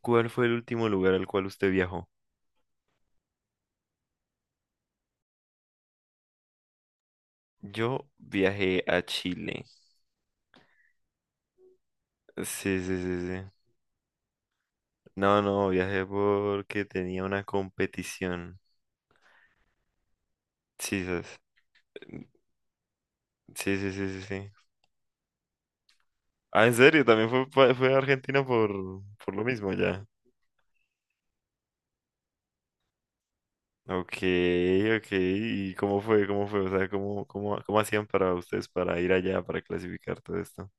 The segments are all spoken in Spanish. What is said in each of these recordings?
¿Cuál fue el último lugar al cual usted viajó? Yo viajé a Chile. Sí, sí, sí, sí. No, no, viajé porque tenía una competición. Sí, sas. Sí, sí, sí, sí, sí. Ah, ¿en serio? También fue, fue a Argentina por lo mismo ya. Ok, ok. ¿Y cómo fue? ¿Cómo fue? O sea, ¿cómo, cómo hacían para ustedes para ir allá, para clasificar todo esto?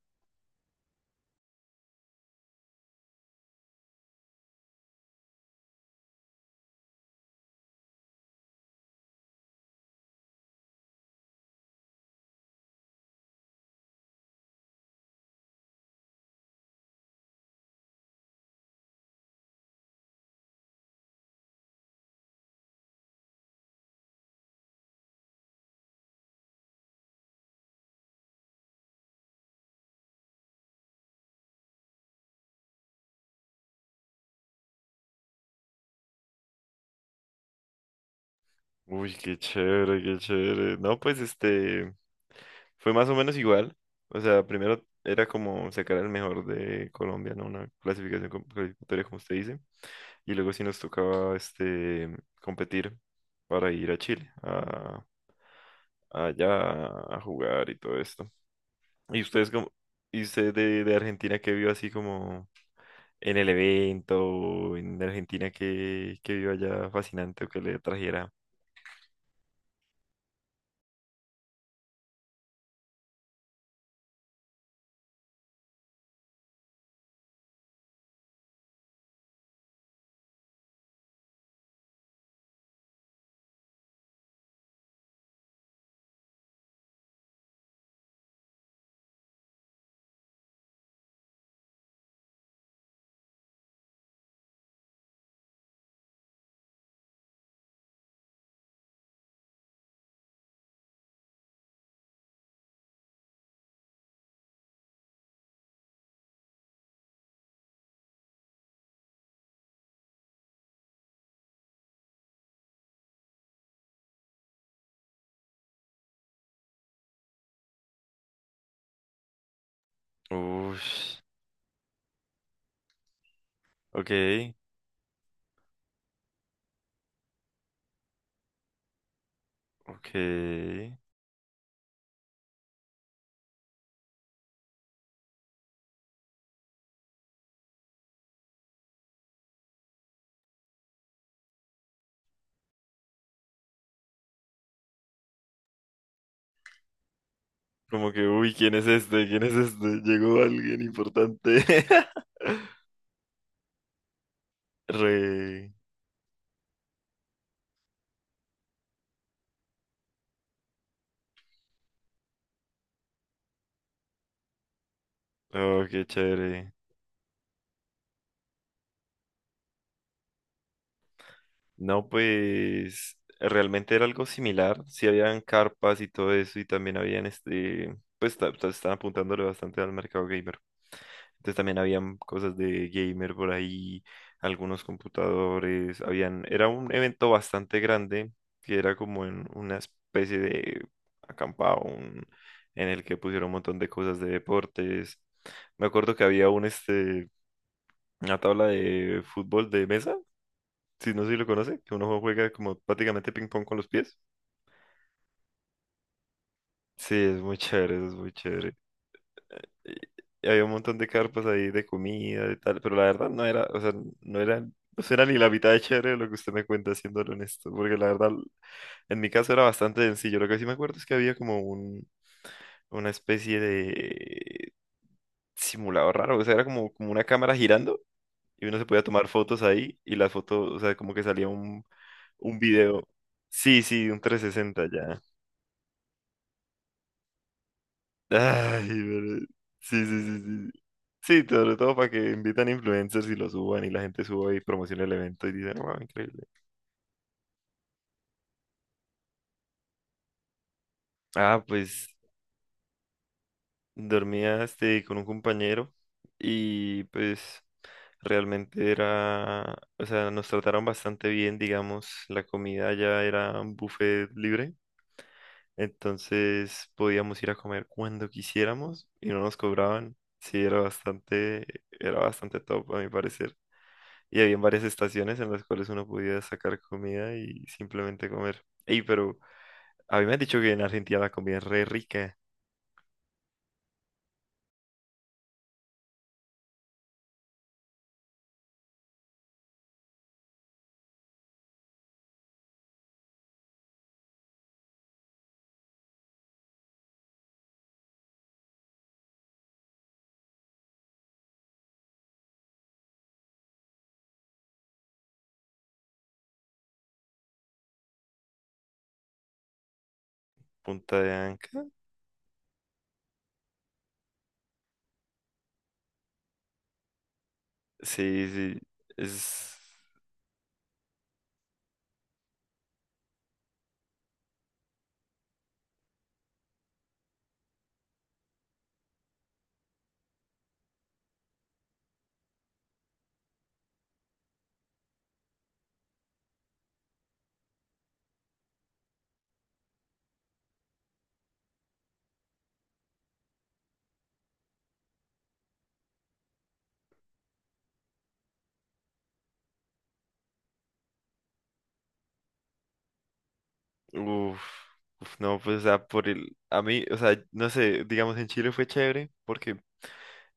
Uy, qué chévere, qué chévere. No, pues fue más o menos igual. O sea, primero era como sacar el mejor de Colombia, ¿no? Una clasificatoria, como usted dice. Y luego sí nos tocaba competir para ir a Chile, a, allá a jugar y todo esto. ¿Y usted de Argentina que vio así como en el evento, en Argentina que vio allá fascinante o que le trajera? Uy, ok. Ok. Como que, uy, ¿quién es este? ¿Quién es este? Llegó alguien importante. Re. Oh, qué chévere. No, pues realmente era algo similar. Sí habían carpas y todo eso y también habían estaban apuntándole bastante al mercado gamer. Entonces también habían cosas de gamer por ahí, algunos computadores, habían, era un evento bastante grande que era como en una especie de acampado, en el que pusieron un montón de cosas de deportes. Me acuerdo que había un este una tabla de fútbol de mesa, si no sé si lo conoce, que uno juega como prácticamente ping pong con los pies. Sí, es muy chévere, es muy chévere. y y había un montón de carpas ahí de comida y tal, pero la verdad no era, o sea, no era, no era ni la mitad de chévere de lo que usted me cuenta, siendo honesto, porque la verdad, en mi caso era bastante sencillo. Lo que sí me acuerdo es que había una especie de simulador raro, o sea, era como, como una cámara girando y uno se podía tomar fotos ahí y las fotos, o sea, como que salía un video. Sí, sí, un 360 ya. Ay, pero... Sí, sí, sí, sí. Sí, sobre todo para que invitan influencers y lo suban y la gente suba y promociona el evento y dicen, wow, increíble. Ah, pues dormía con un compañero y pues realmente era, o sea, nos trataron bastante bien, digamos, la comida ya era un buffet libre, entonces podíamos ir a comer cuando quisiéramos y no nos cobraban. Sí, era bastante top a mi parecer. Y había varias estaciones en las cuales uno podía sacar comida y simplemente comer. Ey, pero a mí me han dicho que en Argentina la comida es re rica. Punta de Anca. Sí, sí. Es... Uf, uf, no, pues, o sea, por el... A mí, o sea, no sé, digamos, en Chile fue chévere porque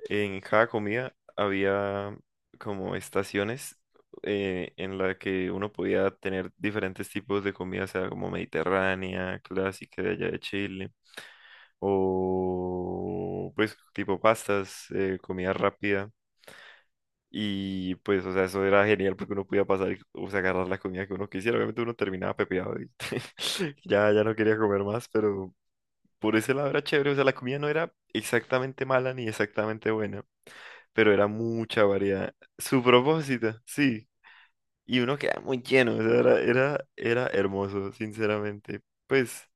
en cada comida había como estaciones en la que uno podía tener diferentes tipos de comida, o sea, como mediterránea, clásica de allá de Chile o pues tipo pastas, comida rápida. Y pues, o sea, eso era genial porque uno podía pasar y o sea, agarrar la comida que uno quisiera. Obviamente uno terminaba pepeado y ya, ya no quería comer más, pero por ese lado era chévere. O sea, la comida no era exactamente mala ni exactamente buena, pero era mucha variedad. Su propósito, sí. Y uno queda muy lleno, o sea, era, era, era hermoso, sinceramente. Pues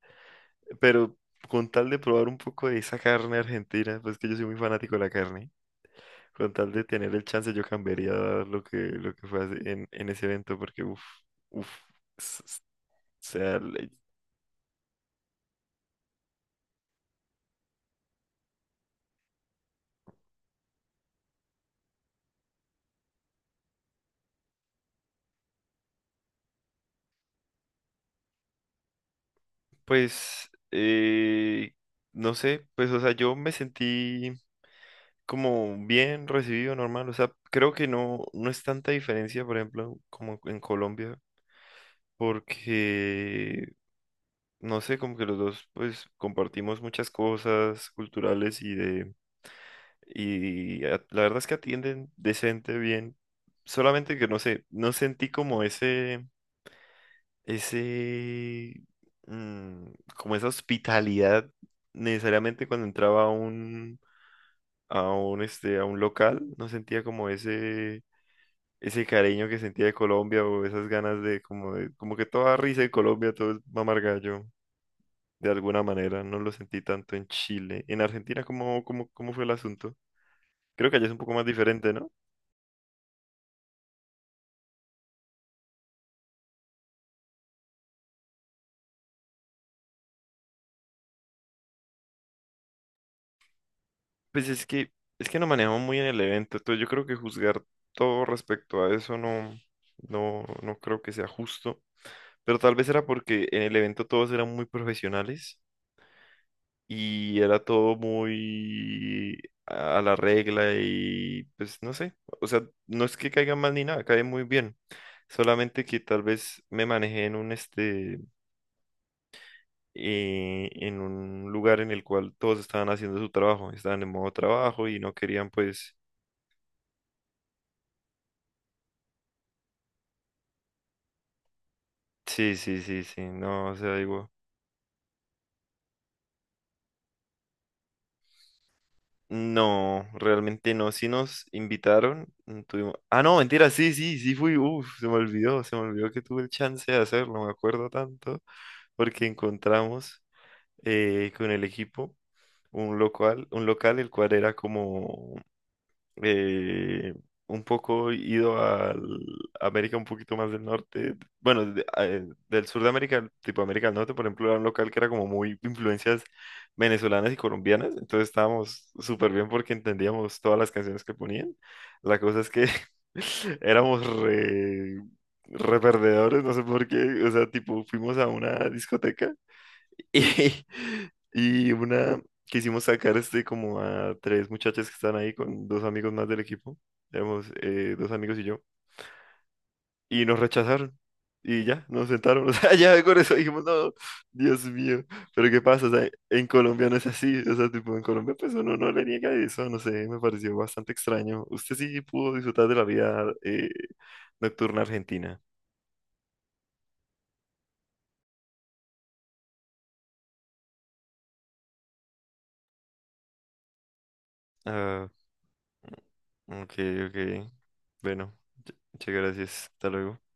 Pero con tal de probar un poco de esa carne argentina, pues que yo soy muy fanático de la carne, con tal de tener el chance yo cambiaría lo que en ese evento, porque uff, uff, o sea, pues, no sé, pues, o sea, yo me sentí como bien recibido, normal, o sea, creo que no, no es tanta diferencia, por ejemplo, como en Colombia, porque no sé, como que los dos pues compartimos muchas cosas culturales y de la verdad es que atienden decente, bien. Solamente que no sé, no sentí como ese, ese, mm, como esa hospitalidad necesariamente cuando entraba a un, a un local, no sentía como ese cariño que sentía de Colombia o esas ganas de, como que toda risa de Colombia, todo es mamar gallo, de alguna manera. No lo sentí tanto en Chile. En Argentina, ¿cómo, cómo fue el asunto? Creo que allá es un poco más diferente, ¿no? Pues es que no manejamos muy en el evento, entonces yo creo que juzgar todo respecto a eso no, no creo que sea justo. Pero tal vez era porque en el evento todos eran muy profesionales y era todo muy a la regla y pues no sé. O sea, no es que caiga mal ni nada, cae muy bien. Solamente que tal vez me manejé en un este en un lugar en el cual todos estaban haciendo su trabajo, estaban en modo trabajo y no querían pues Sí, sí, sí, sí, no, o sea, digo, no, realmente no, sí nos invitaron, tuvimos, ah, no, mentira, sí, sí, sí fui, uff, se me olvidó que tuve el chance de hacerlo, me acuerdo tanto, porque encontramos con el equipo un local el cual era como eh, un poco ido al América un poquito más del norte, bueno, del sur de América, tipo América del Norte, por ejemplo, era un local que era como muy influencias venezolanas y colombianas, entonces estábamos súper bien porque entendíamos todas las canciones que ponían. La cosa es que éramos re perdedores, no sé por qué, o sea, tipo, fuimos a una discoteca. Y, y una quisimos sacar este como a 3 muchachas que están ahí con 2 amigos más del equipo, éramos 2 amigos y yo, y nos rechazaron. Y ya, nos sentaron, o sea, ya con eso dijimos, no, Dios mío, pero ¿qué pasa? O sea, en Colombia no es así, o sea, tipo, en Colombia pues uno no le niega eso, no sé, me pareció bastante extraño. Usted sí pudo disfrutar de la vida nocturna argentina. Ah, ok, ok, bueno, muchas gracias, hasta luego.